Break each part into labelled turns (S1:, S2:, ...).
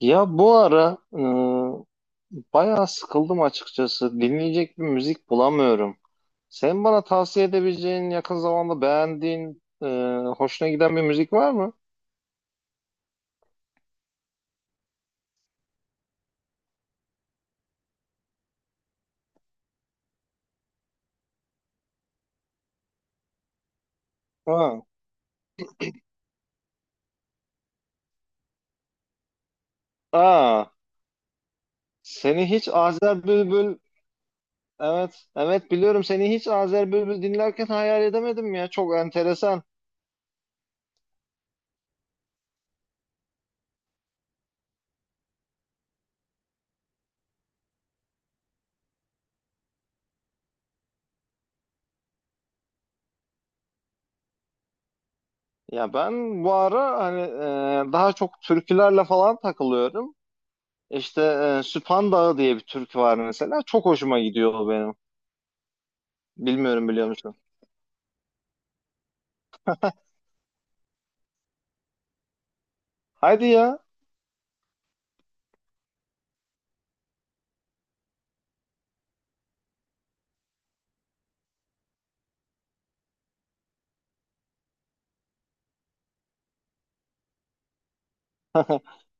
S1: Ya bu ara, bayağı sıkıldım açıkçası. Dinleyecek bir müzik bulamıyorum. Sen bana tavsiye edebileceğin, yakın zamanda beğendiğin, hoşuna giden bir müzik var mı? Ha. Aa, seni hiç Azer Bülbül... Evet, evet biliyorum, seni hiç Azer Bülbül dinlerken hayal edemedim ya. Çok enteresan. Ya ben bu ara hani, daha çok türkülerle falan takılıyorum. İşte, Süphan Dağı diye bir türkü var mesela. Çok hoşuma gidiyor o benim. Bilmiyorum, biliyor musun? Hadi ya.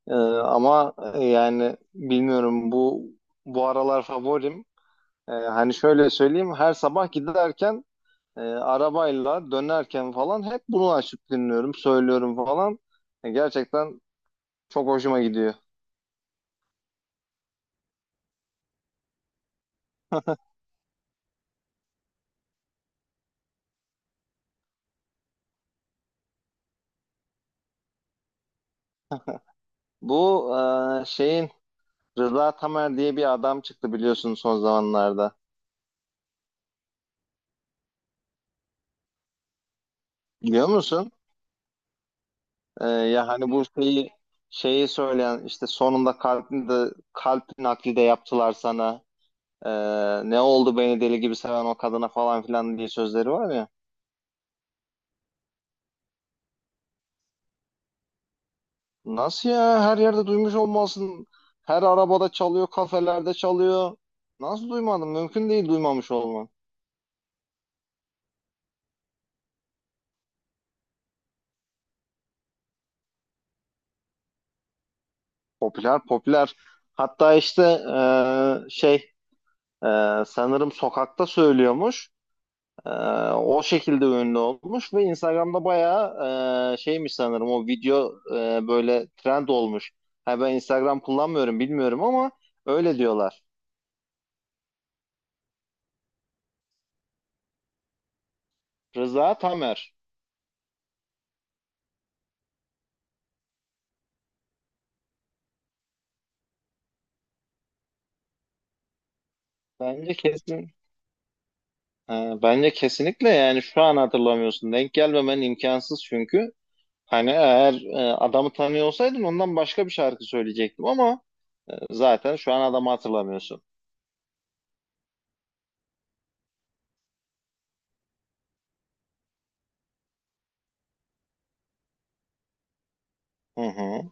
S1: Ama, yani bilmiyorum, bu aralar favorim. Hani şöyle söyleyeyim, her sabah giderken, arabayla dönerken falan hep bunu açıp dinliyorum, söylüyorum falan. Gerçekten çok hoşuma gidiyor. Bu e, şeyin Rıza Tamer diye bir adam çıktı, biliyorsun, son zamanlarda. Biliyor musun? Ya hani bu şeyi söyleyen, işte sonunda kalbini de, kalp nakli de yaptılar sana. E, Ne oldu beni deli gibi seven o kadına falan filan diye sözleri var ya. Nasıl ya? Her yerde duymuş olmalısın. Her arabada çalıyor, kafelerde çalıyor. Nasıl duymadın? Mümkün değil duymamış olman. Popüler, popüler. Hatta işte, e, şey sanırım sokakta söylüyormuş. E, O şekilde ünlü olmuş ve Instagram'da bayağı şeymiş sanırım, o video, böyle trend olmuş. Ha, ben Instagram kullanmıyorum bilmiyorum ama öyle diyorlar. Rıza Tamer. Bence kesin Ha, bence kesinlikle, yani şu an hatırlamıyorsun. Denk gelmemen imkansız çünkü. Hani eğer adamı tanıyor olsaydın ondan başka bir şarkı söyleyecektim ama zaten şu an adamı hatırlamıyorsun. Hı hı.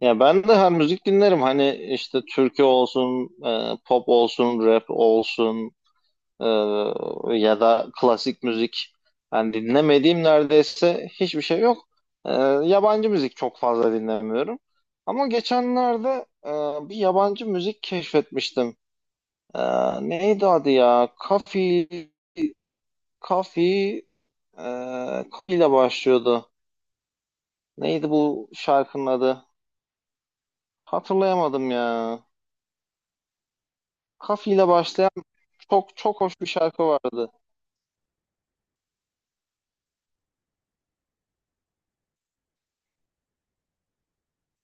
S1: Ya ben de her müzik dinlerim. Hani işte türkü olsun, pop olsun, rap olsun. Ee, Ya da klasik müzik. Ben dinlemediğim neredeyse hiçbir şey yok. Ee, Yabancı müzik çok fazla dinlemiyorum. Ama geçenlerde bir yabancı müzik keşfetmiştim. Neydi adı ya? Kafi, Kafi, e, Kafi ile başlıyordu. Neydi bu şarkının adı? Hatırlayamadım ya. Kafi ile başlayan çok çok hoş bir şarkı vardı.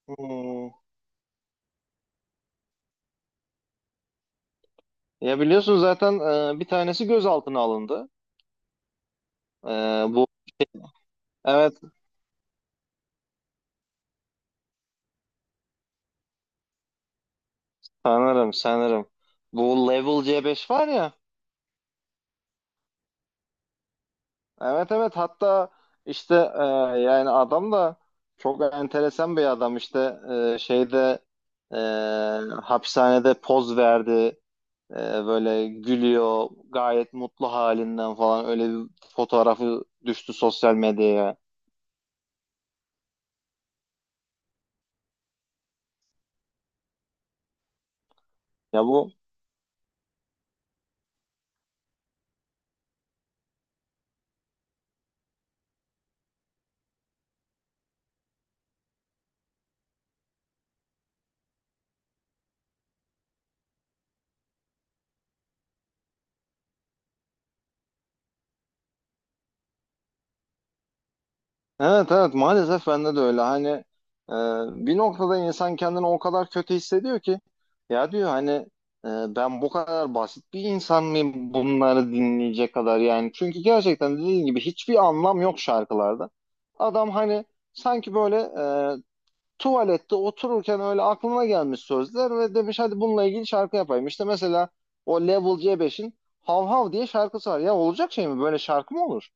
S1: Hmm. Ya biliyorsun zaten bir tanesi gözaltına alındı. Ee, bu Evet, sanırım, sanırım. Bu Level C5 var ya. Evet, evet, hatta işte, yani adam da çok enteresan bir adam, işte, e, şeyde e, hapishanede poz verdi. E, Böyle gülüyor, gayet mutlu halinden falan, öyle bir fotoğrafı düştü sosyal medyaya. Ya bu Evet, evet, maalesef bende de öyle. Hani, e, bir noktada insan kendini o kadar kötü hissediyor ki, ya diyor hani, ben bu kadar basit bir insan mıyım bunları dinleyecek kadar? Yani çünkü gerçekten dediğin gibi hiçbir anlam yok şarkılarda. Adam hani sanki böyle, e, tuvalette otururken öyle aklına gelmiş sözler ve demiş, hadi bununla ilgili şarkı yapayım. İşte mesela o Level c beş'in Hav Hav diye şarkısı var ya, olacak şey mi, böyle şarkı mı olur?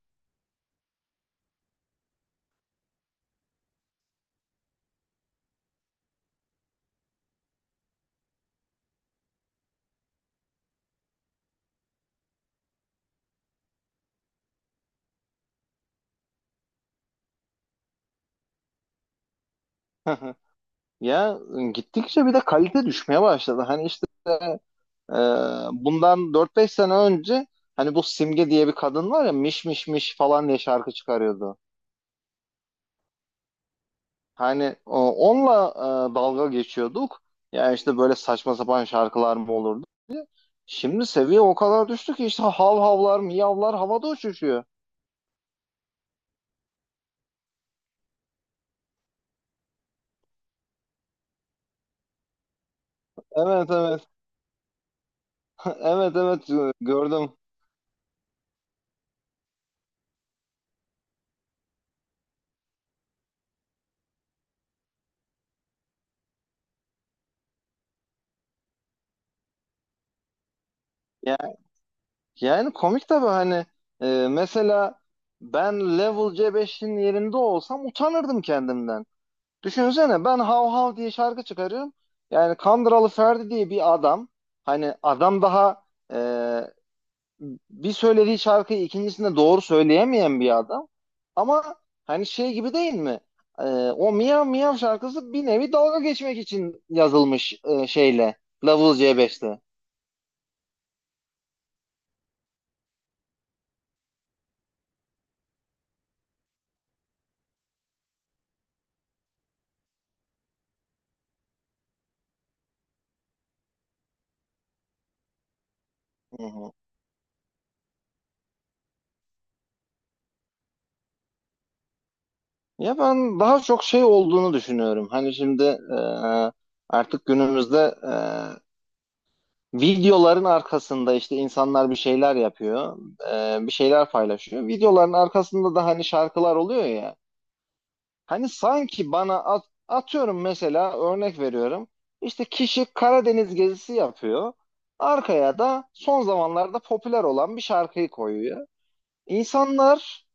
S1: Ya, gittikçe bir de kalite düşmeye başladı. Hani işte, e, bundan 4 5 sene önce, hani bu Simge diye bir kadın var ya, miş miş miş falan diye şarkı çıkarıyordu. Hani onunla dalga geçiyorduk. Ya işte böyle saçma sapan şarkılar mı olurdu? Şimdi seviye o kadar düştü ki işte hav havlar, miyavlar havada uçuşuyor. Evet, evet. Evet, evet, gördüm. Ya, yani komik tabii, hani, mesela ben Level c beş'in yerinde olsam utanırdım kendimden. Düşünsene, ben Hav Hav diye şarkı çıkarıyorum. Yani Kandıralı Ferdi diye bir adam. Hani adam daha, e, bir söylediği şarkıyı ikincisinde doğru söyleyemeyen bir adam. Ama hani şey gibi değil mi? E, O Miyav Miyav şarkısı bir nevi dalga geçmek için yazılmış şeyle. Level C5'te. Hı hı. Ya ben daha çok şey olduğunu düşünüyorum. Hani şimdi, e, artık günümüzde, e, videoların arkasında işte insanlar bir şeyler yapıyor, bir şeyler paylaşıyor. Videoların arkasında da hani şarkılar oluyor ya. Hani sanki bana, atıyorum, mesela örnek veriyorum. İşte kişi Karadeniz gezisi yapıyor. Arkaya da son zamanlarda popüler olan bir şarkıyı koyuyor. İnsanlar,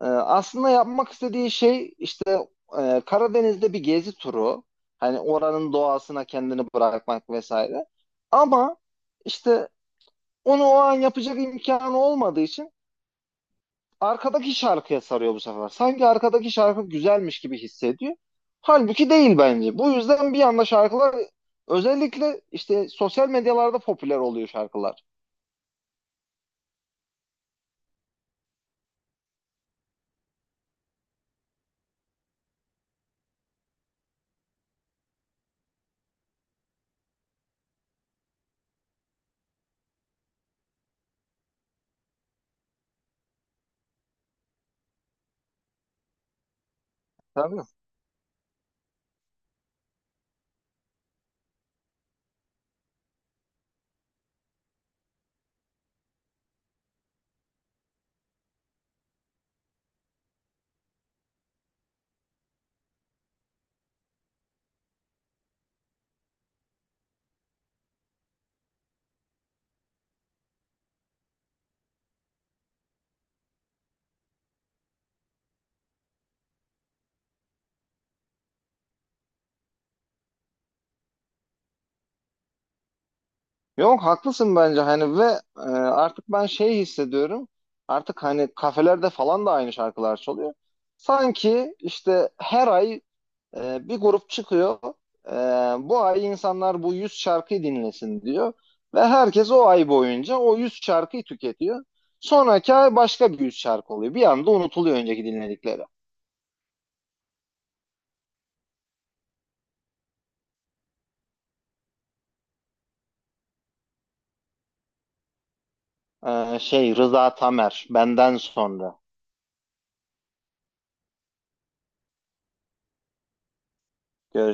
S1: aslında yapmak istediği şey işte, Karadeniz'de bir gezi turu. Hani oranın doğasına kendini bırakmak vesaire. Ama işte onu o an yapacak imkanı olmadığı için arkadaki şarkıya sarıyor bu sefer. Sanki arkadaki şarkı güzelmiş gibi hissediyor. Halbuki değil bence. Bu yüzden bir anda şarkılar, özellikle işte sosyal medyalarda, popüler oluyor şarkılar. Tabii. Yok, haklısın bence, hani ve artık ben şey hissediyorum. Artık hani kafelerde falan da aynı şarkılar çalıyor. Sanki işte her ay, bir grup çıkıyor. Ee, Bu ay insanlar bu 100 şarkıyı dinlesin diyor. Ve herkes o ay boyunca o 100 şarkıyı tüketiyor. Sonraki ay başka bir 100 şarkı oluyor. Bir anda unutuluyor önceki dinledikleri. Rıza Tamer benden sonra. Görüşürüz.